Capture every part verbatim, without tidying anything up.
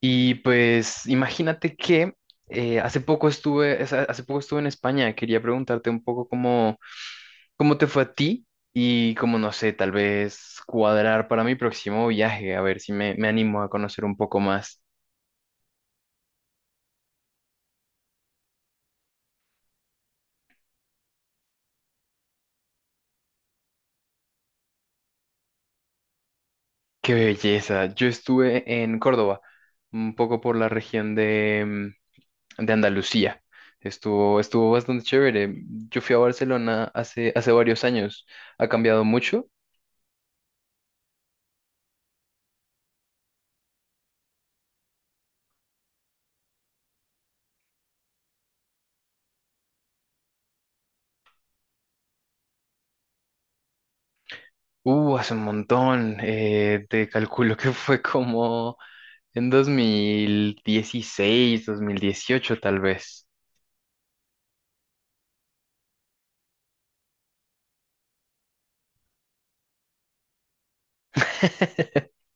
Y pues imagínate que eh, hace poco estuve, es- hace poco estuve en España. Quería preguntarte un poco cómo, cómo te fue a ti y cómo, no sé, tal vez cuadrar para mi próximo viaje, a ver si me, me animo a conocer un poco más. ¡Qué belleza! Yo estuve en Córdoba, un poco por la región de, mm, de Andalucía. Estuvo, estuvo bastante chévere. Yo fui a Barcelona hace, hace varios años. Ha cambiado mucho. Uh, hace un montón. Eh, te calculo que fue como en dos mil dieciséis, dos mil dieciocho tal vez.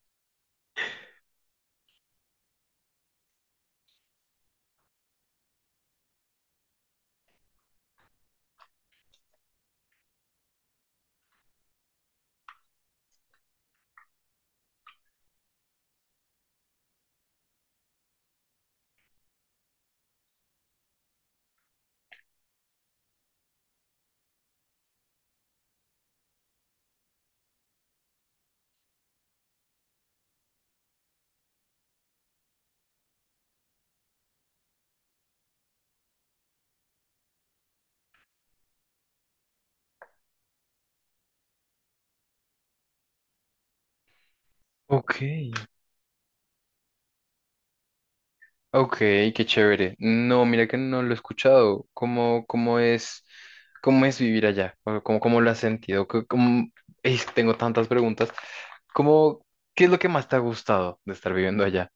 Ok, ok, qué chévere. No, mira que no lo he escuchado. ¿Cómo, cómo es, cómo es vivir allá? ¿Cómo, cómo cómo lo has sentido? ¿Cómo- cómo- Ey, tengo tantas preguntas. ¿Cómo, qué es lo que más te ha gustado de estar viviendo allá?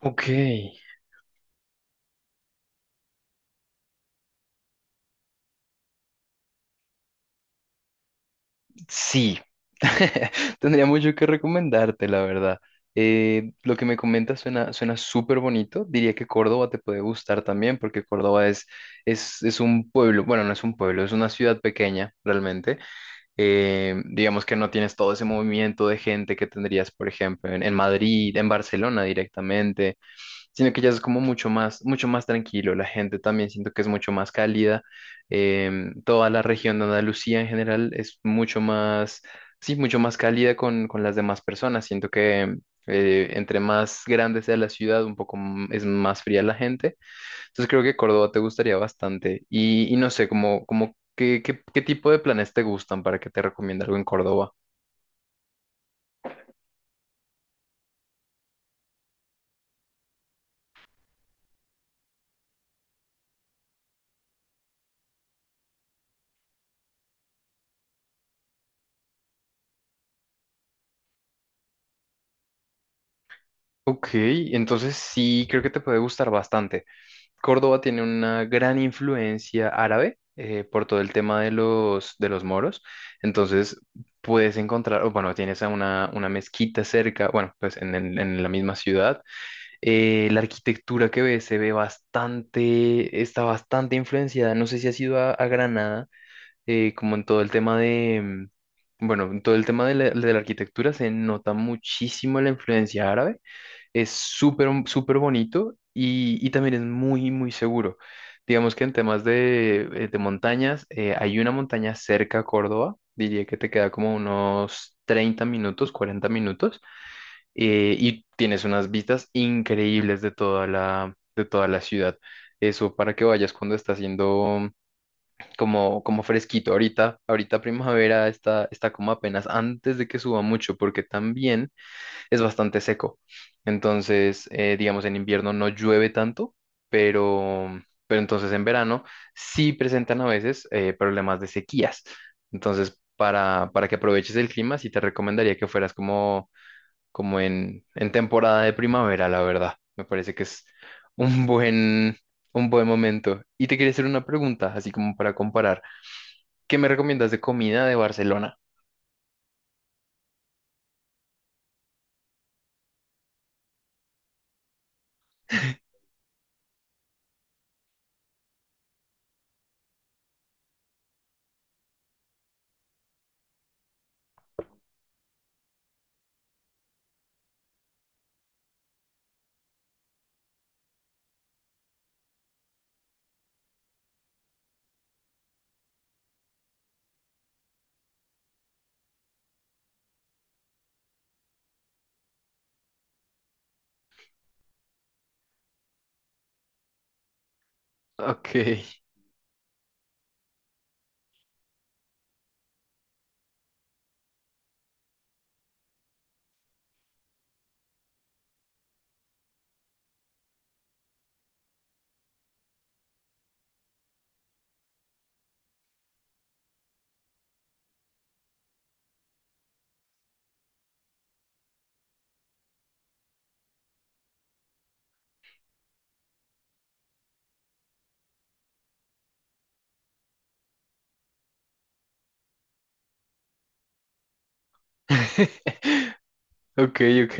Ok. Sí, tendría mucho que recomendarte, la verdad. Eh, lo que me comentas suena, suena súper bonito. Diría que Córdoba te puede gustar también, porque Córdoba es, es, es un pueblo, bueno, no es un pueblo, es una ciudad pequeña realmente. Eh, digamos que no tienes todo ese movimiento de gente que tendrías, por ejemplo, en, en Madrid, en Barcelona directamente, sino que ya es como mucho más, mucho más tranquilo. La gente también siento que es mucho más cálida. Em, toda la región de Andalucía en general es mucho más, sí, mucho más cálida con, con las demás personas. Siento que eh, entre más grande sea la ciudad, un poco m- es más fría la gente. Entonces creo que Córdoba te gustaría bastante. Y, y no sé, como, como qué, qué, qué tipo de planes te gustan para que te recomiende algo en Córdoba. Ok, entonces sí, creo que te puede gustar bastante. Córdoba tiene una gran influencia árabe, eh, por todo el tema de los, de los moros. Entonces puedes encontrar, o bueno, tienes a una, una mezquita cerca, bueno, pues en, el- en la misma ciudad. Eh, la arquitectura que ves se ve bastante, está bastante influenciada. No sé si has ido a, a Granada, eh, como en todo el tema de, mm, bueno, en todo el tema de la de la arquitectura se nota muchísimo la influencia árabe. Es súper, súper bonito y, y también es muy, muy seguro. Digamos que en temas de, eh, de montañas, eh, hay una montaña cerca a Córdoba, diría que te queda como unos treinta minutos, cuarenta minutos, eh, y tienes unas vistas increíbles de toda la, de toda la ciudad. Eso para que vayas cuando está haciendo como, como fresquito. Ahorita, ahorita primavera está, está como apenas antes de que suba mucho, porque también es bastante seco. Entonces, eh, digamos, en invierno no llueve tanto, pero, pero entonces en verano sí presentan a veces eh, problemas de sequías. Entonces, para, para que aproveches el clima, sí te recomendaría que fueras como, como en, en temporada de primavera, la verdad. Me parece que es un buen, un buen momento. Y te quería hacer una pregunta, así como para comparar. ¿Qué me recomiendas de comida de Barcelona? Ok. Ok, ok.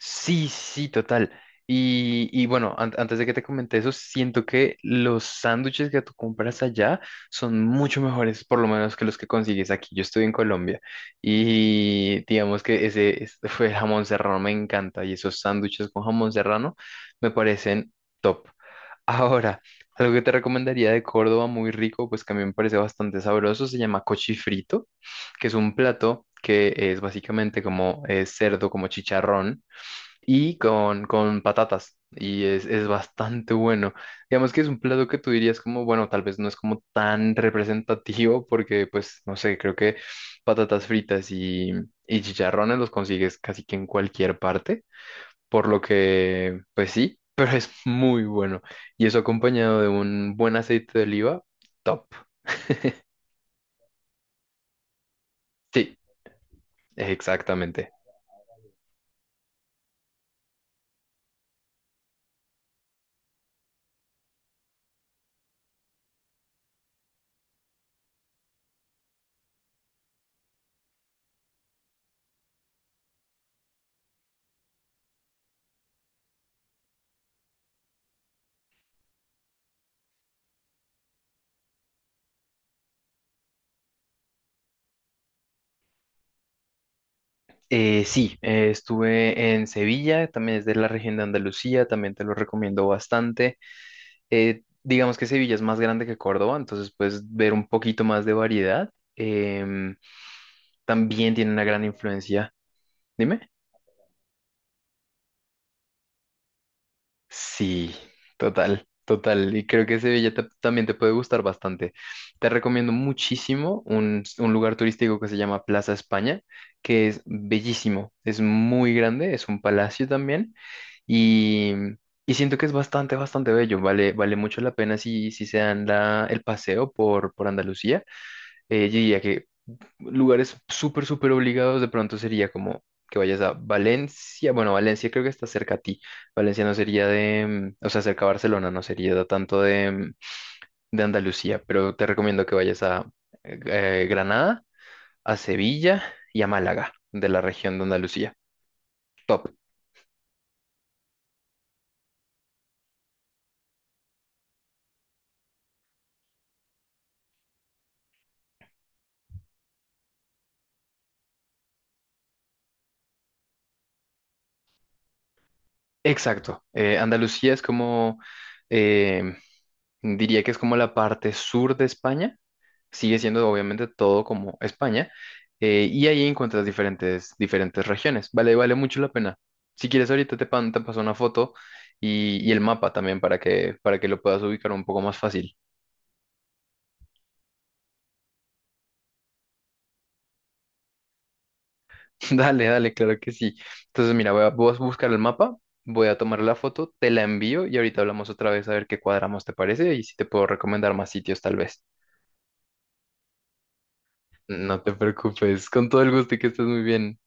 Sí, sí, total. Y, y bueno, an- antes de que te comente eso, siento que los sándwiches que tú compras allá son mucho mejores, por lo menos que los que consigues aquí. Yo estoy en Colombia y digamos que ese, este fue el jamón serrano, me encanta. Y esos sándwiches con jamón serrano me parecen top. Ahora, algo que te recomendaría de Córdoba, muy rico, pues que a mí me parece bastante sabroso, se llama cochifrito, que es un plato que es básicamente como eh, cerdo, como chicharrón, y con, con patatas. Y es, es bastante bueno. Digamos que es un plato que tú dirías como, bueno, tal vez no es como tan representativo porque, pues, no sé, creo que patatas fritas y, y chicharrones los consigues casi que en cualquier parte. Por lo que, pues sí, pero es muy bueno. Y eso acompañado de un buen aceite de oliva, top. Sí, exactamente. Eh, sí, eh, Estuve en Sevilla, también es de la región de Andalucía, también te lo recomiendo bastante. Eh, digamos que Sevilla es más grande que Córdoba, entonces puedes ver un poquito más de variedad. Em, También tiene una gran influencia. Dime. Sí, total, total. Y creo que Sevilla ta- también te puede gustar bastante. Te recomiendo muchísimo un, un lugar turístico que se llama Plaza España, que es bellísimo. Es muy grande, es un palacio también. Y, y siento que es bastante, bastante bello. Vale, vale mucho la pena si, si se dan la- el paseo por, por Andalucía. Eh, yo diría que lugares súper, súper obligados de pronto sería como que vayas a Valencia. Bueno, Valencia creo que está cerca a ti. Valencia no sería de, mm, o sea, cerca a Barcelona, no sería tanto de, mm, de Andalucía, pero te recomiendo que vayas a eh, Granada, a Sevilla y a Málaga, de la región de Andalucía. Top. Exacto. Eh, Andalucía es como, eh, diría que es como la parte sur de España, sigue siendo obviamente todo como España, eh, y ahí encuentras diferentes, diferentes regiones. Vale, vale mucho la pena. Si quieres, ahorita te, pan- te paso una foto y, y el mapa también para que, para que lo puedas ubicar un poco más fácil. Dale, dale, claro que sí. Entonces, mira, voy a, voy a buscar el mapa, voy a tomar la foto, te la envío y ahorita hablamos otra vez a ver qué cuadramos, te parece, y si te puedo recomendar más sitios tal vez. No te preocupes, con todo el gusto, y que estés muy bien.